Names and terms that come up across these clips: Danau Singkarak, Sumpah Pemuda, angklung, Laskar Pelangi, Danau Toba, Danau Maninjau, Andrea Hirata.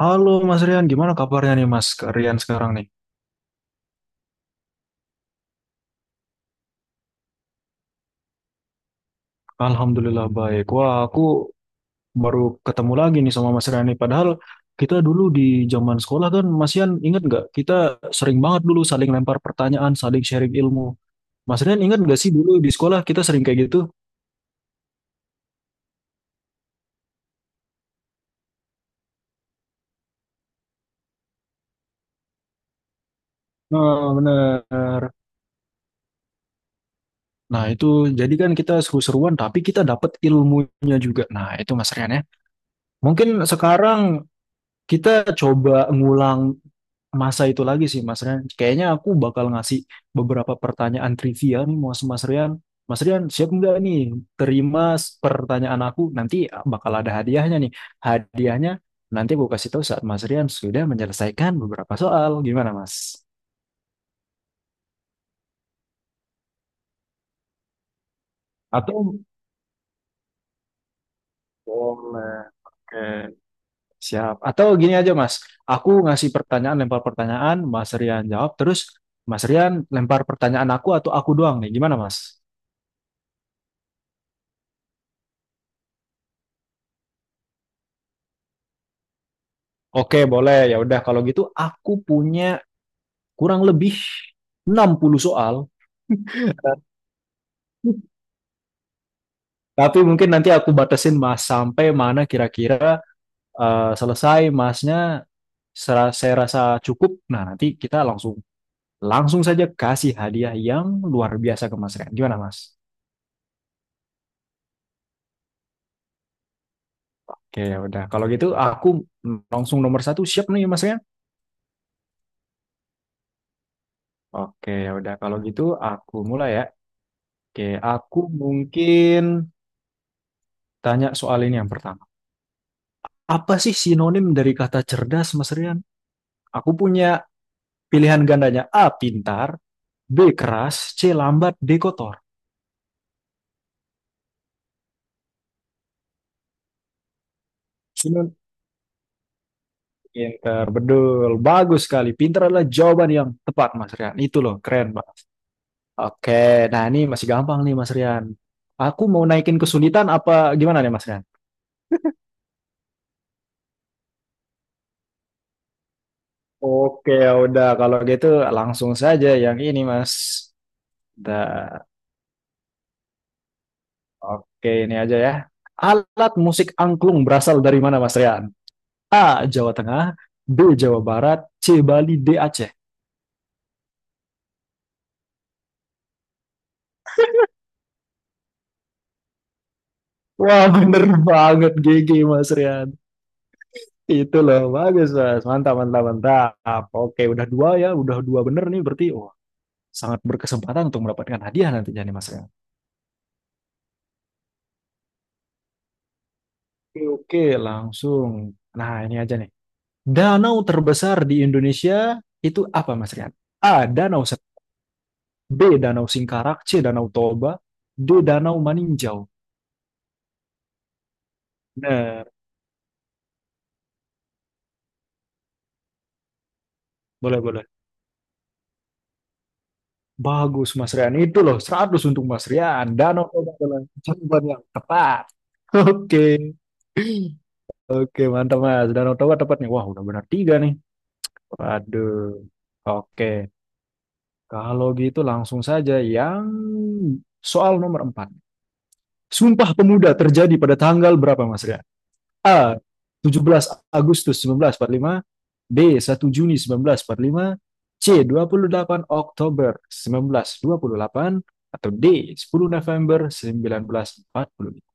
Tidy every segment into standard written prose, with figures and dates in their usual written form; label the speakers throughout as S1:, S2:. S1: Halo Mas Rian, gimana kabarnya nih Mas Rian sekarang nih? Alhamdulillah baik. Wah, aku baru ketemu lagi nih sama Mas Rian nih. Padahal kita dulu di zaman sekolah kan, Mas Rian ingat nggak? Kita sering banget dulu saling lempar pertanyaan, saling sharing ilmu. Mas Rian ingat nggak sih dulu di sekolah kita sering kayak gitu? Nah, bener. Nah, itu jadi kan kita seru-seruan, tapi kita dapat ilmunya juga. Nah, itu Mas Rian ya. Mungkin sekarang kita coba ngulang masa itu lagi sih Mas Rian. Kayaknya aku bakal ngasih beberapa pertanyaan trivia nih mau sama Mas Rian. Mas Rian siap nggak nih terima pertanyaan aku? Nanti bakal ada hadiahnya nih. Hadiahnya nanti aku kasih tahu saat Mas Rian sudah menyelesaikan beberapa soal. Gimana Mas? Atau boleh. Oke, siap. Atau gini aja Mas, aku ngasih pertanyaan, lempar pertanyaan, Mas Rian jawab, terus Mas Rian lempar pertanyaan aku atau aku doang nih. Gimana Mas? Oke, boleh. Ya udah kalau gitu aku punya kurang lebih 60 soal. Tapi mungkin nanti aku batasin Mas sampai mana kira-kira selesai Masnya saya rasa cukup. Nah, nanti kita langsung langsung saja kasih hadiah yang luar biasa ke Mas Rian. Gimana, Mas? Oke, ya udah. Kalau gitu aku langsung nomor 1, siap nih Mas Rian. Oke, ya udah. Kalau gitu aku mulai ya. Oke, aku mungkin tanya soal ini yang pertama. Apa sih sinonim dari kata cerdas, Mas Rian? Aku punya pilihan gandanya. A. Pintar. B. Keras. C. Lambat. D. Kotor. Sinonim pintar. Betul. Bagus sekali. Pintar adalah jawaban yang tepat, Mas Rian. Itu loh. Keren, Pak. Oke. Nah, ini masih gampang nih, Mas Rian. Aku mau naikin kesulitan apa gimana nih, Mas Rian? Oke, udah. Kalau gitu langsung saja yang ini, Mas. Udah. Oke, ini aja ya. Alat musik angklung berasal dari mana, Mas Rian? A. Jawa Tengah. B. Jawa Barat. C. Bali. D. Aceh. Wah bener banget, GG Mas Rian. Itu loh bagus Mas. Mantap mantap mantap. Oke, udah dua ya. Udah dua bener nih, berarti. Wah, sangat berkesempatan untuk mendapatkan hadiah nantinya nih Mas Rian. Oke, oke, langsung. Nah, ini aja nih. Danau terbesar di Indonesia itu apa Mas Rian? A. Danau Sek. B. Danau Singkarak. C. Danau Toba. D. Danau Maninjau. Bener, boleh, boleh. Bagus Mas Rian, itu loh, 100 untuk Mas Rian. Danau Toba adalah jawaban yang tepat. Oke, oke mantap Mas. Danau Toba tepatnya. Wah udah benar tiga nih. Waduh. Oke, kalau gitu langsung saja yang soal nomor 4. Sumpah Pemuda terjadi pada tanggal berapa Mas Rian? A. 17 Agustus 1945, B. 1 Juni 1945, C. 28 Oktober 1928, atau D. 10 November 1945.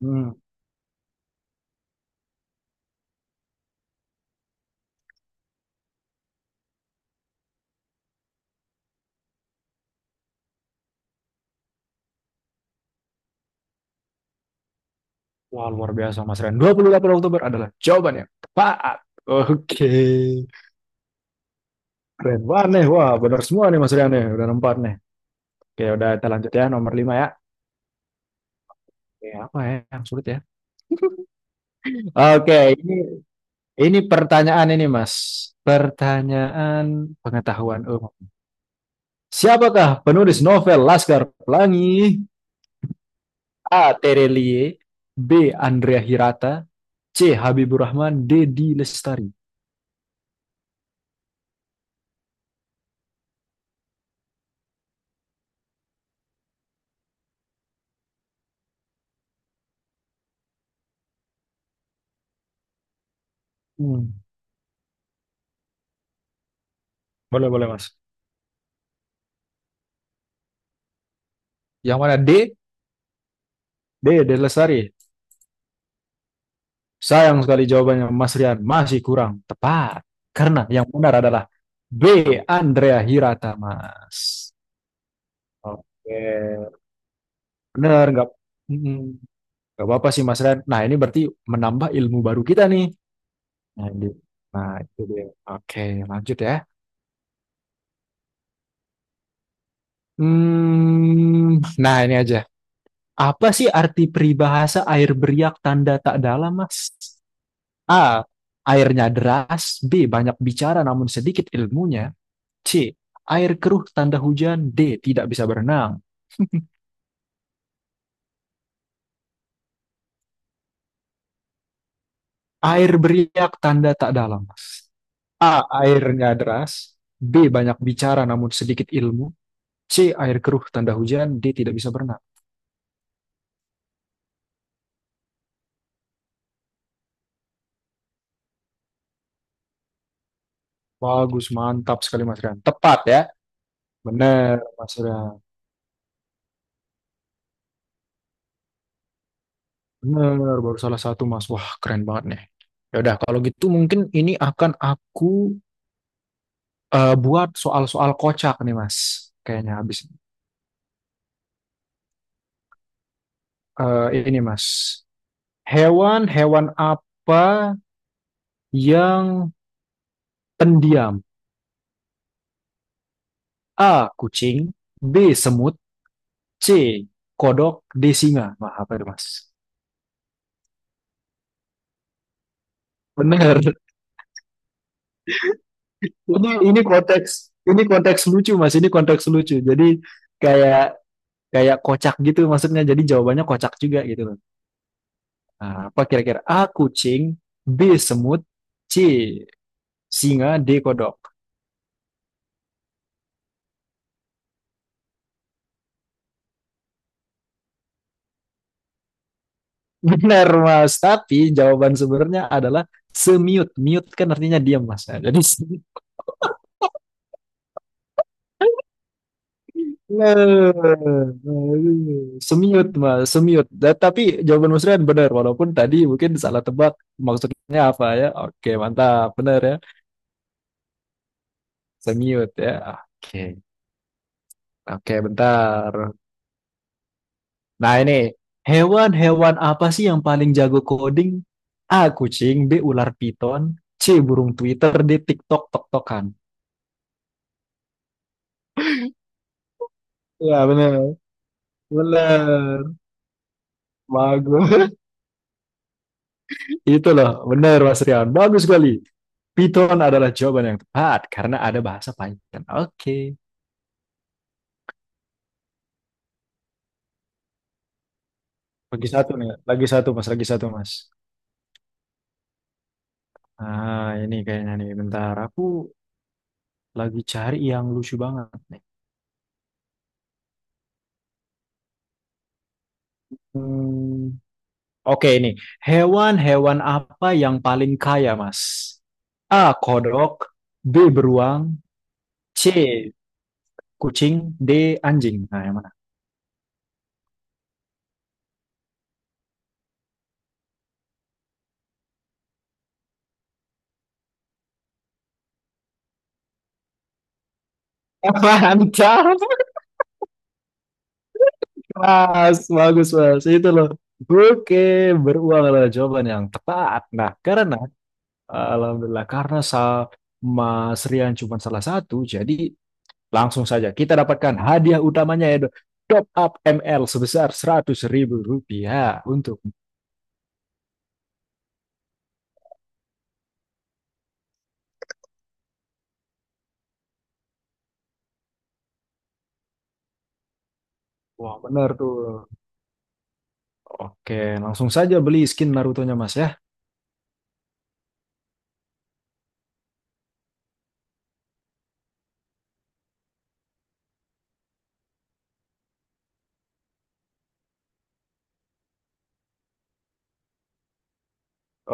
S1: Hmm. Wah luar biasa Mas Ren, 28 Oktober adalah jawaban yang tepat. Oke. Keren banget nih. Wah benar semua nih Mas Rian nih. Udah empat nih. Oke udah, kita lanjut ya nomor 5 ya. Oke, apa ya yang sulit ya? Oke, ini pertanyaan ini, Mas. Pertanyaan pengetahuan umum. Siapakah penulis novel Laskar Pelangi? A. Terelie. B. Andrea Hirata. C. Habibur Rahman. D. D. Lestari. Hmm, boleh, boleh, Mas. Yang mana D? D. D. Lestari. Sayang sekali jawabannya, Mas Rian. Masih kurang tepat. Karena yang benar adalah B. Andrea Hirata, Mas. Oke. Benar, nggak? mm Gak apa-apa sih Mas Ren. Nah ini berarti menambah ilmu baru kita nih. Nah, ini, nah itu dia. Oke, lanjut ya. Nah ini aja. Apa sih arti peribahasa air beriak tanda tak dalam Mas? A. Airnya deras. B. Banyak bicara namun sedikit ilmunya. C. Air keruh tanda hujan. D. Tidak bisa berenang. Air beriak tanda tak dalam Mas. A. Airnya deras. B. Banyak bicara namun sedikit ilmu. Si air keruh tanda hujan, dia tidak bisa berenang. Bagus, mantap sekali Mas Rian. Tepat ya. Bener, Mas Rian. Bener, baru salah satu Mas. Wah, keren banget nih. Ya udah, kalau gitu mungkin ini akan aku buat soal-soal kocak nih Mas. Kayaknya habis. Eh, ini Mas. Hewan-hewan apa yang pendiam? A. Kucing. B. Semut. C. Kodok. D. Singa. Wah, apa itu Mas? Bener. Ini konteks, ini konteks lucu Mas, ini konteks lucu. Jadi kayak kayak kocak gitu maksudnya. Jadi jawabannya kocak juga gitu loh. Nah, apa kira-kira? A kucing, B semut, C singa, D kodok. Benar Mas, tapi jawaban sebenarnya adalah semiut. Mute kan artinya diam Mas. Nah, jadi. Semiut mas, semiut. Tapi jawaban Mas Rian benar, walaupun tadi mungkin salah tebak maksudnya apa ya. Oke, mantap, benar ya. Semut ya. Oke. Oke, bentar. Nah, ini hewan-hewan apa sih yang paling jago coding? A. Kucing. B. Ular piton. C. Burung Twitter. D. TikTok tok-tokan. Ya, bener. Bener. Bagus. Itu loh, bener Mas Rian. Bagus sekali. Python adalah jawaban yang tepat karena ada bahasa Python. Oke. Lagi satu nih, lagi satu Mas, lagi satu Mas. Ah, ini kayaknya nih, bentar. Aku lagi cari yang lucu banget nih. Hmm, Oke ini, hewan-hewan apa yang paling kaya, Mas? A. Kodok. B. Beruang. C. Kucing. D. Anjing. Nah, yang mana? Mantap, Mas. Bagus, Mas. Itu loh. Oke, beruang adalah jawaban yang tepat. Nah, karena, Alhamdulillah, karena Mas Rian cuma salah satu, jadi langsung saja kita dapatkan hadiah utamanya yaitu top up ML sebesar Rp100.000 untuk. Wah, benar tuh. Oke, langsung saja beli skin Naruto-nya Mas ya.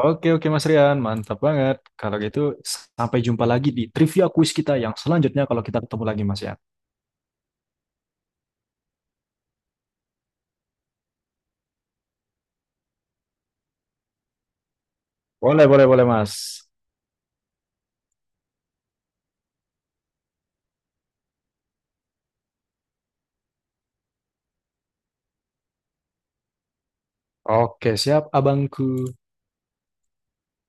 S1: Oke, oke Mas Rian, mantap banget. Kalau gitu sampai jumpa lagi di trivia quiz kita yang selanjutnya kalau kita ketemu lagi Mas ya. Boleh, boleh, boleh Mas. Oke, siap abangku.